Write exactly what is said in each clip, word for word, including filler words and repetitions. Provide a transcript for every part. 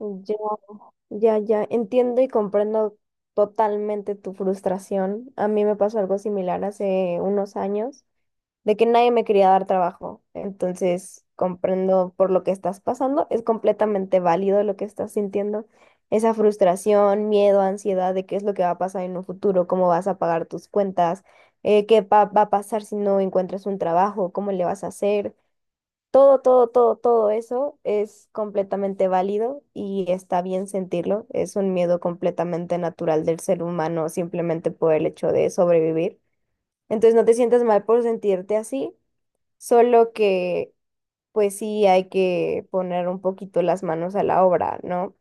Ya, ya, ya, entiendo y comprendo totalmente tu frustración. A mí me pasó algo similar hace unos años, de que nadie me quería dar trabajo. Entonces, comprendo por lo que estás pasando. Es completamente válido lo que estás sintiendo. Esa frustración, miedo, ansiedad de qué es lo que va a pasar en un futuro, cómo vas a pagar tus cuentas, eh, qué pa- va a pasar si no encuentras un trabajo, cómo le vas a hacer. Todo, todo, todo, todo eso es completamente válido y está bien sentirlo. Es un miedo completamente natural del ser humano simplemente por el hecho de sobrevivir. Entonces no te sientas mal por sentirte así, solo que pues sí hay que poner un poquito las manos a la obra, ¿no?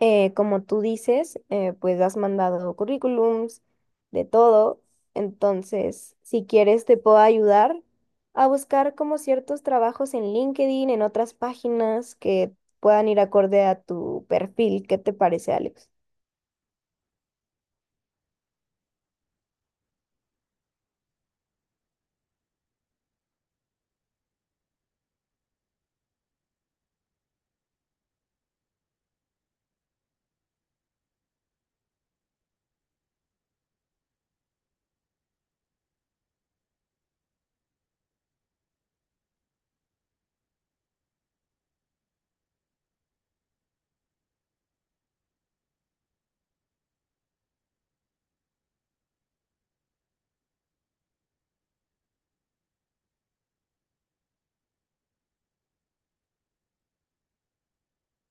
Eh, como tú dices, eh, pues has mandado currículums de todo, entonces si quieres te puedo ayudar a buscar como ciertos trabajos en LinkedIn, en otras páginas que puedan ir acorde a tu perfil. ¿Qué te parece, Alex?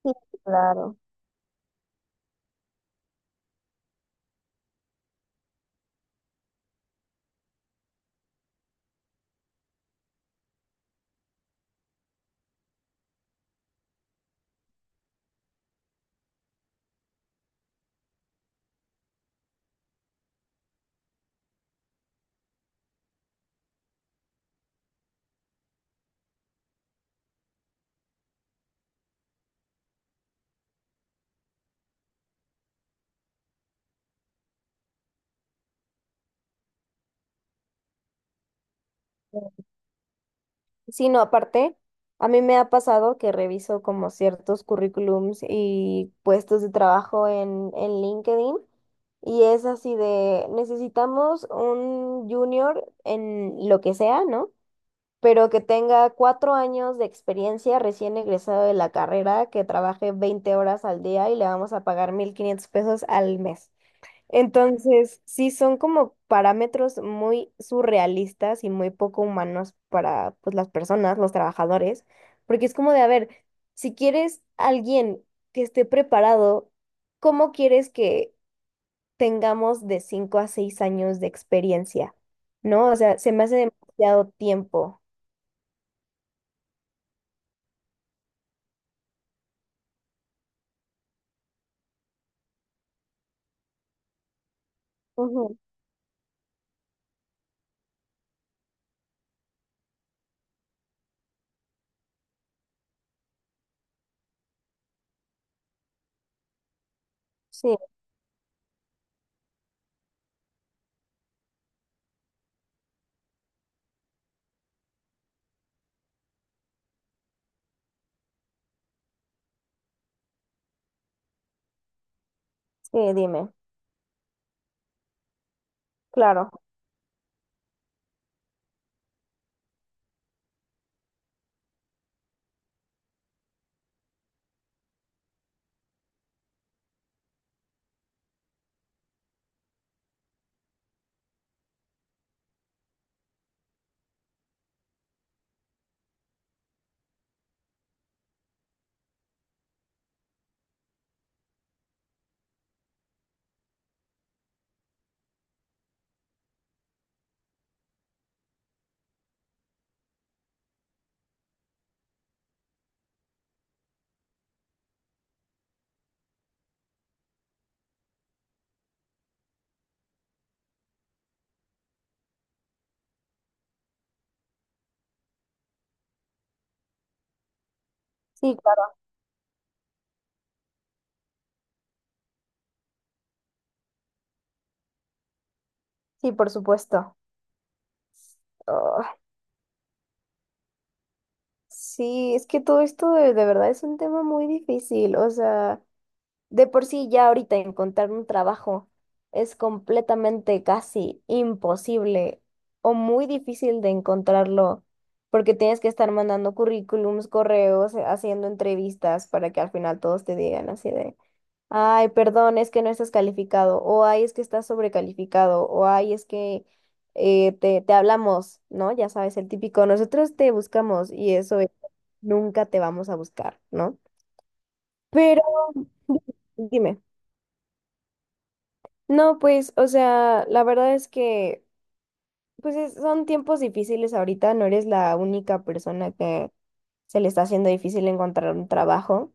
Sí, claro. Sí, no, aparte, a mí me ha pasado que reviso como ciertos currículums y puestos de trabajo en, en LinkedIn y es así de, necesitamos un junior en lo que sea, ¿no? Pero que tenga cuatro años de experiencia recién egresado de la carrera, que trabaje veinte horas al día y le vamos a pagar mil quinientos pesos al mes. Entonces, sí son como parámetros muy surrealistas y muy poco humanos para pues las personas, los trabajadores, porque es como de, a ver, si quieres alguien que esté preparado, ¿cómo quieres que tengamos de cinco a seis años de experiencia? ¿No? O sea, se me hace demasiado tiempo. Ujú. Sí, sí, dime. Claro. Sí, claro. Sí, por supuesto. Ah, sí, es que todo esto de, de verdad es un tema muy difícil. O sea, de por sí ya ahorita encontrar un trabajo es completamente casi imposible o muy difícil de encontrarlo porque tienes que estar mandando currículums, correos, eh, haciendo entrevistas para que al final todos te digan así de, ay, perdón, es que no estás calificado o ay, es que estás sobrecalificado o ay, es que eh, te, te hablamos, ¿no? Ya sabes, el típico, nosotros te buscamos y eso es, nunca te vamos a buscar, ¿no? Pero dime. No, pues, o sea, la verdad es que, pues es- son tiempos difíciles ahorita, no eres la única persona que se le está haciendo difícil encontrar un trabajo.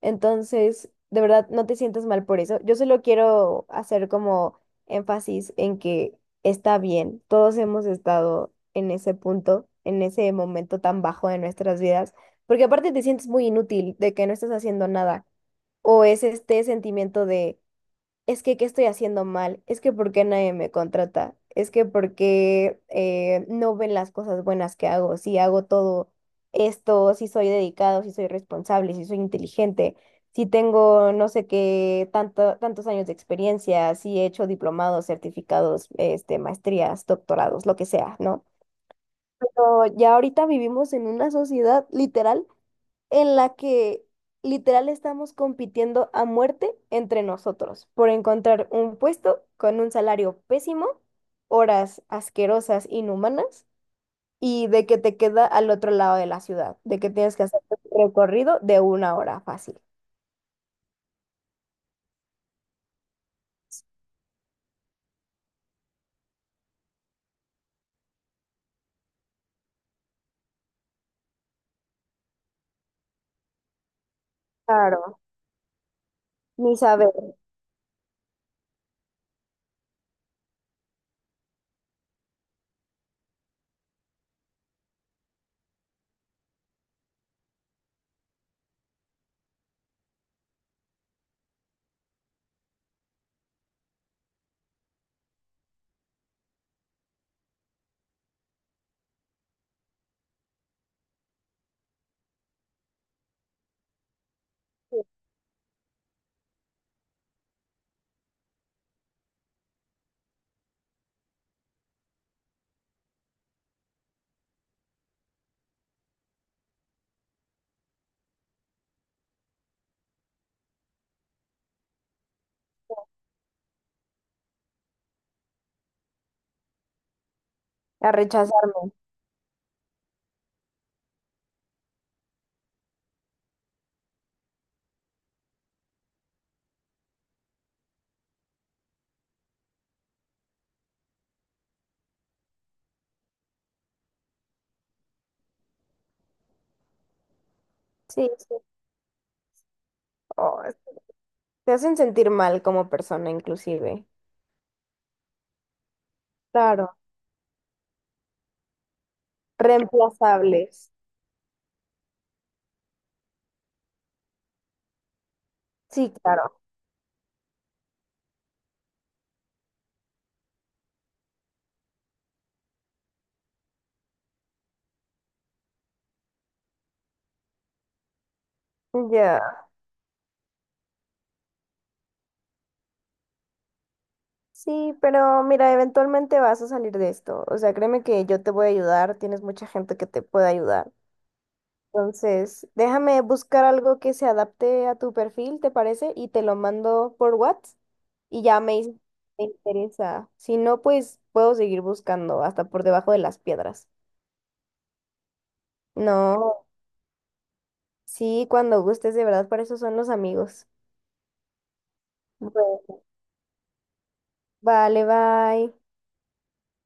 Entonces, de verdad, no te sientas mal por eso. Yo solo quiero hacer como énfasis en que está bien, todos hemos estado en ese punto, en ese momento tan bajo de nuestras vidas, porque aparte te sientes muy inútil de que no estás haciendo nada, o es este sentimiento de es que qué estoy haciendo mal, es que por qué nadie me contrata, es que por qué eh, no ven las cosas buenas que hago, si hago todo esto, si soy dedicado, si soy responsable, si soy inteligente, si tengo no sé qué, tanto, tantos años de experiencia, si he hecho diplomados, certificados, este, maestrías, doctorados, lo que sea, ¿no? Pero ya ahorita vivimos en una sociedad literal en la que literal estamos compitiendo a muerte entre nosotros por encontrar un puesto con un salario pésimo, horas asquerosas, inhumanas, y de que te queda al otro lado de la ciudad, de que tienes que hacer un recorrido de una hora fácil. Claro, ni saber, a rechazarme. Sí, sí. Oh, te hacen sentir mal como persona, inclusive. Claro, reemplazables. Sí, claro. Ya. Sí, pero mira, eventualmente vas a salir de esto. O sea, créeme que yo te voy a ayudar, tienes mucha gente que te puede ayudar. Entonces, déjame buscar algo que se adapte a tu perfil, ¿te parece? Y te lo mando por WhatsApp y ya me dices si te interesa. Si no, pues puedo seguir buscando hasta por debajo de las piedras. No, sí, cuando gustes, de verdad, para eso son los amigos. Bueno, vale, bye.